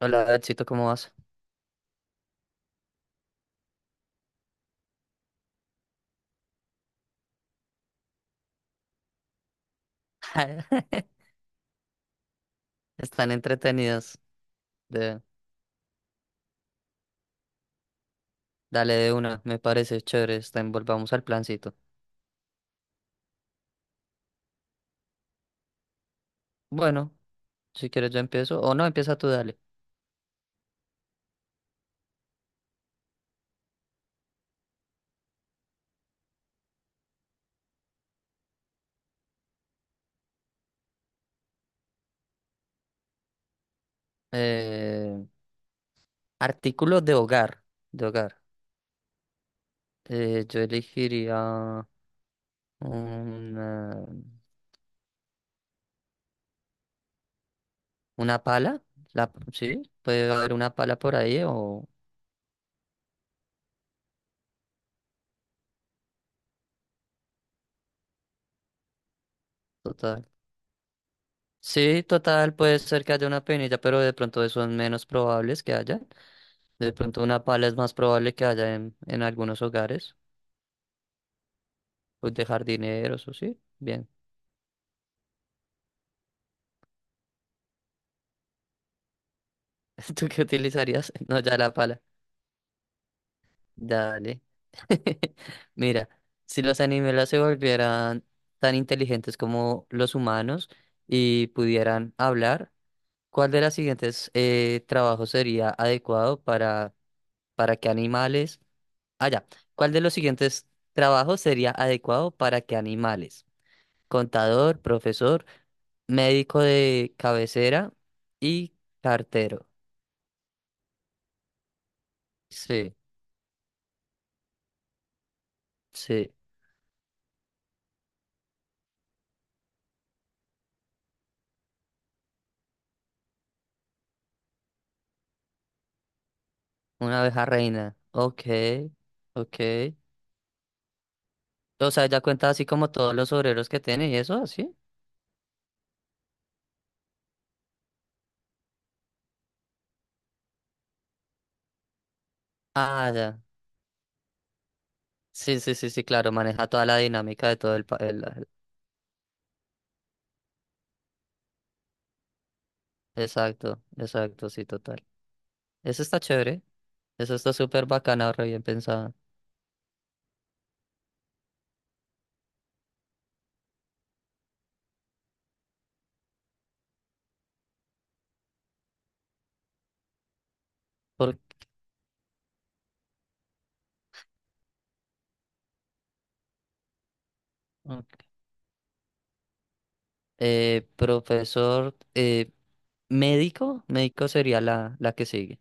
Hola, chito, ¿cómo vas? Están entretenidos. De... Dale de una, me parece chévere. Volvamos al plancito. Bueno, si quieres yo empiezo. O no, empieza tú, dale. Eh, artículos de hogar. De hogar. Yo elegiría una, una pala. La, sí, puede haber una pala por ahí o total. Sí, total, puede ser que haya una penilla, pero de pronto eso es menos probables que haya. De pronto una pala es más probable que haya en algunos hogares, pues de jardineros o sí. Bien. ¿Tú qué utilizarías? No, ya la pala. Dale. Mira, si los animales se volvieran tan inteligentes como los humanos y pudieran hablar, ¿cuál de las siguientes trabajos sería adecuado para que animales... Ah, ya. ¿Cuál de los siguientes trabajos sería adecuado para que animales? Contador, profesor, médico de cabecera y cartero. Sí, sí, una abeja reina. Ok, ok. O sea, ya cuenta así como todos los obreros que tiene y eso, así. Ah, ya. Sí, sí, sí, sí, claro, maneja toda la dinámica de todo el, pa- el- Exacto, exacto, sí, total. Eso está chévere, eso está súper bacana, re bien pensada. Por... ok. Profesor, médico sería la que sigue.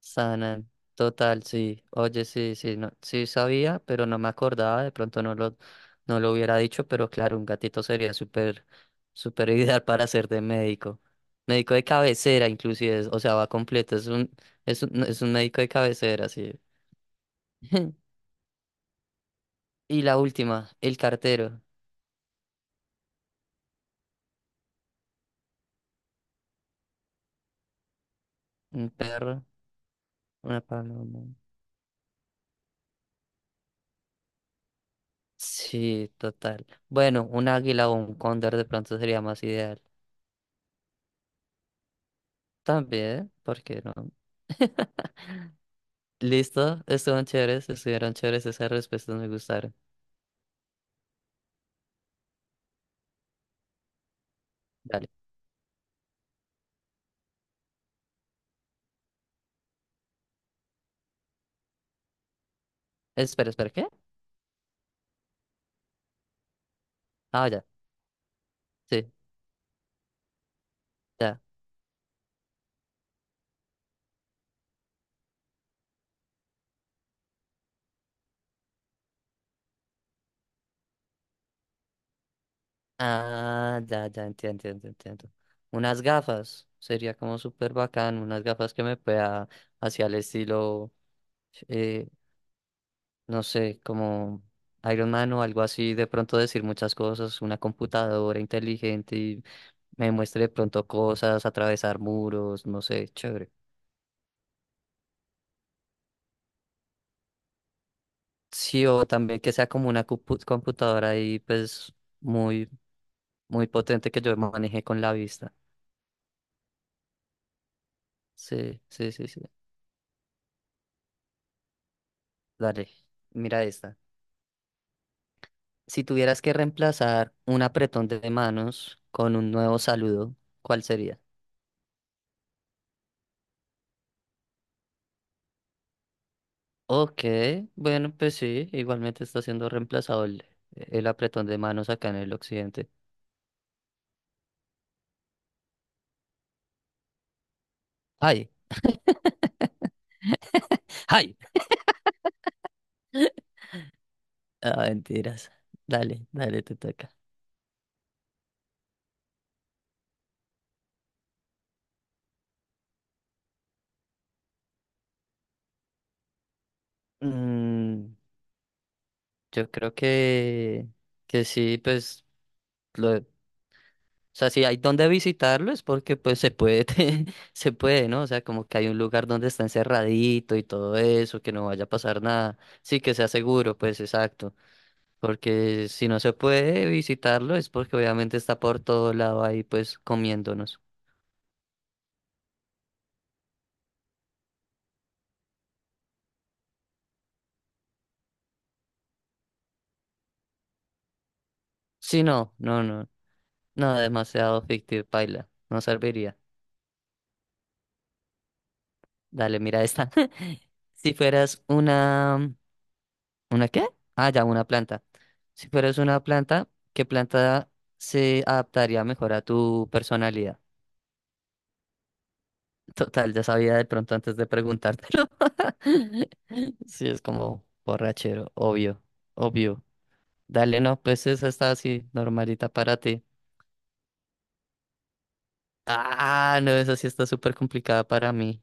Sanan, total, sí. Oye, sí, sí, no, sí sabía, pero no me acordaba, de pronto no lo hubiera dicho, pero claro, un gatito sería súper, súper ideal para ser de médico. Médico de cabecera, inclusive, o sea, va completo, es un médico de cabecera, sí. Y la última, el cartero, un perro, una paloma. Sí, total. Bueno, un águila o un cóndor de pronto sería más ideal. También, ¿por qué no? Listo, estuvieron chéveres, esas respuestas me gustaron. Dale. Espera, espera, ¿qué? Ah, ya, sí, ya. Ah, ya, ya, entiendo, entiendo, entiendo. Unas gafas, sería como súper bacán, unas gafas que me pueda hacia el estilo, eh, no sé, como Iron Man o algo así, de pronto decir muchas cosas, una computadora inteligente y me muestre de pronto cosas, atravesar muros, no sé, chévere. Sí, o también que sea como una computadora ahí, pues muy, muy potente que yo maneje con la vista. Sí, sí, sí, sí. Dale, mira esta. Si tuvieras que reemplazar un apretón de manos con un nuevo saludo, ¿cuál sería? Ok, bueno, pues sí, igualmente está siendo reemplazado el apretón de manos acá en el occidente. ¡Ay! ¡Ay! Ah, mentiras. Dale, dale, te toca. Mm, yo creo que sí, pues. O sea, si hay donde visitarlo es porque pues se puede, se puede, ¿no? O sea, como que hay un lugar donde está encerradito y todo eso, que no vaya a pasar nada. Sí, que sea seguro, pues exacto. Porque si no se puede visitarlo es porque obviamente está por todo lado ahí pues comiéndonos. Sí, no, no, no, no, demasiado fictivo, paila, no serviría. Dale, mira esta. Si fueras una... ¿Una qué? Ah, ya, una planta. Si fueras una planta, ¿qué planta se adaptaría mejor a tu personalidad? Total, ya sabía de pronto antes de preguntártelo. Sí, es como borrachero, obvio, obvio. Dale, no, pues esa está así, normalita para ti. Ah, no, esa sí está súper complicada para mí.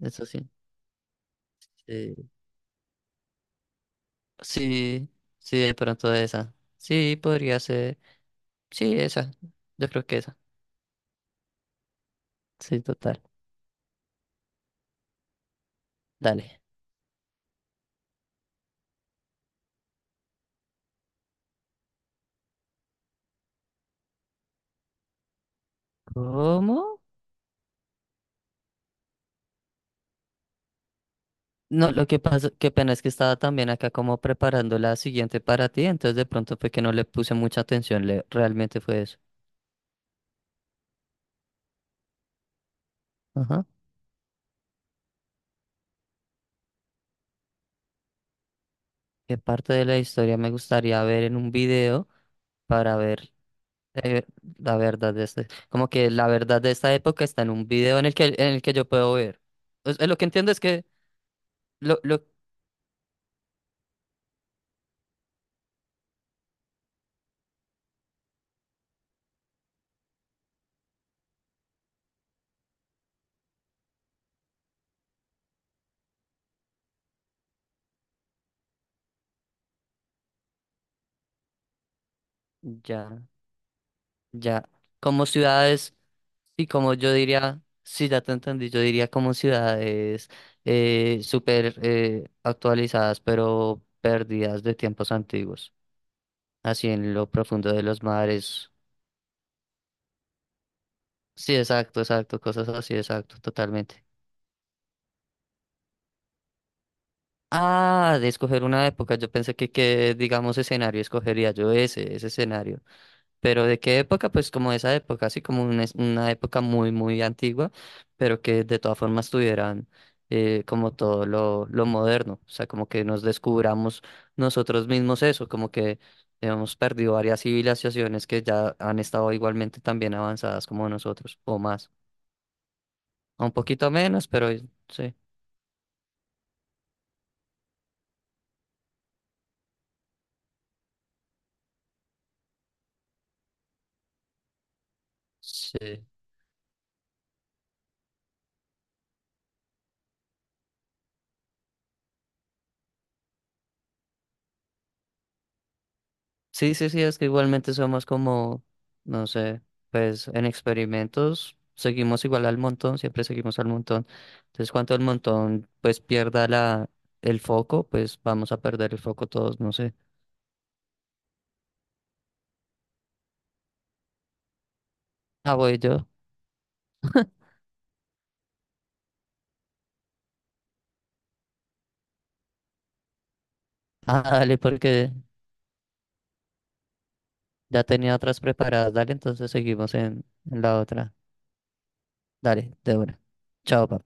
Eso sí. Sí, sí, sí, de pronto esa. Sí, podría ser. Sí, esa. Yo creo que esa. Sí, total. Dale. ¿Cómo? No, lo que pasa, qué pena es que estaba también acá como preparando la siguiente para ti, entonces de pronto fue que no le puse mucha atención, le, realmente fue eso. Ajá. ¿Qué parte de la historia me gustaría ver en un video para ver eh, la verdad de este? Como que la verdad de esta época está en un video en en el que yo puedo ver. Es lo que entiendo es lo, lo, ya. Ya, como ciudades, y como yo diría, sí, ya te entendí, yo diría como ciudades súper actualizadas, pero perdidas de tiempos antiguos, así en lo profundo de los mares. Sí, exacto, exacto, cosas así, exacto, totalmente. Ah, de escoger una época, yo pensé que digamos, escenario escogería yo ese, ese escenario. Pero ¿de qué época? Pues como esa época, así como una, una época muy, muy antigua, pero que de todas formas tuvieran como todo lo moderno, o sea, como que nos descubramos nosotros mismos eso, como que hemos perdido varias civilizaciones que ya han estado igualmente también avanzadas como nosotros, o más, o un poquito menos, pero sí. Sí. Sí, sí, sí, es que igualmente somos como, no sé, pues en experimentos seguimos igual al montón, siempre seguimos al montón. Entonces, cuanto el montón pues pierda el foco, pues vamos a perder el foco todos, no sé. Ah, voy yo. Ah, dale, porque ya tenía otras preparadas, dale, entonces seguimos en la otra. Dale, de una. Chao, papá.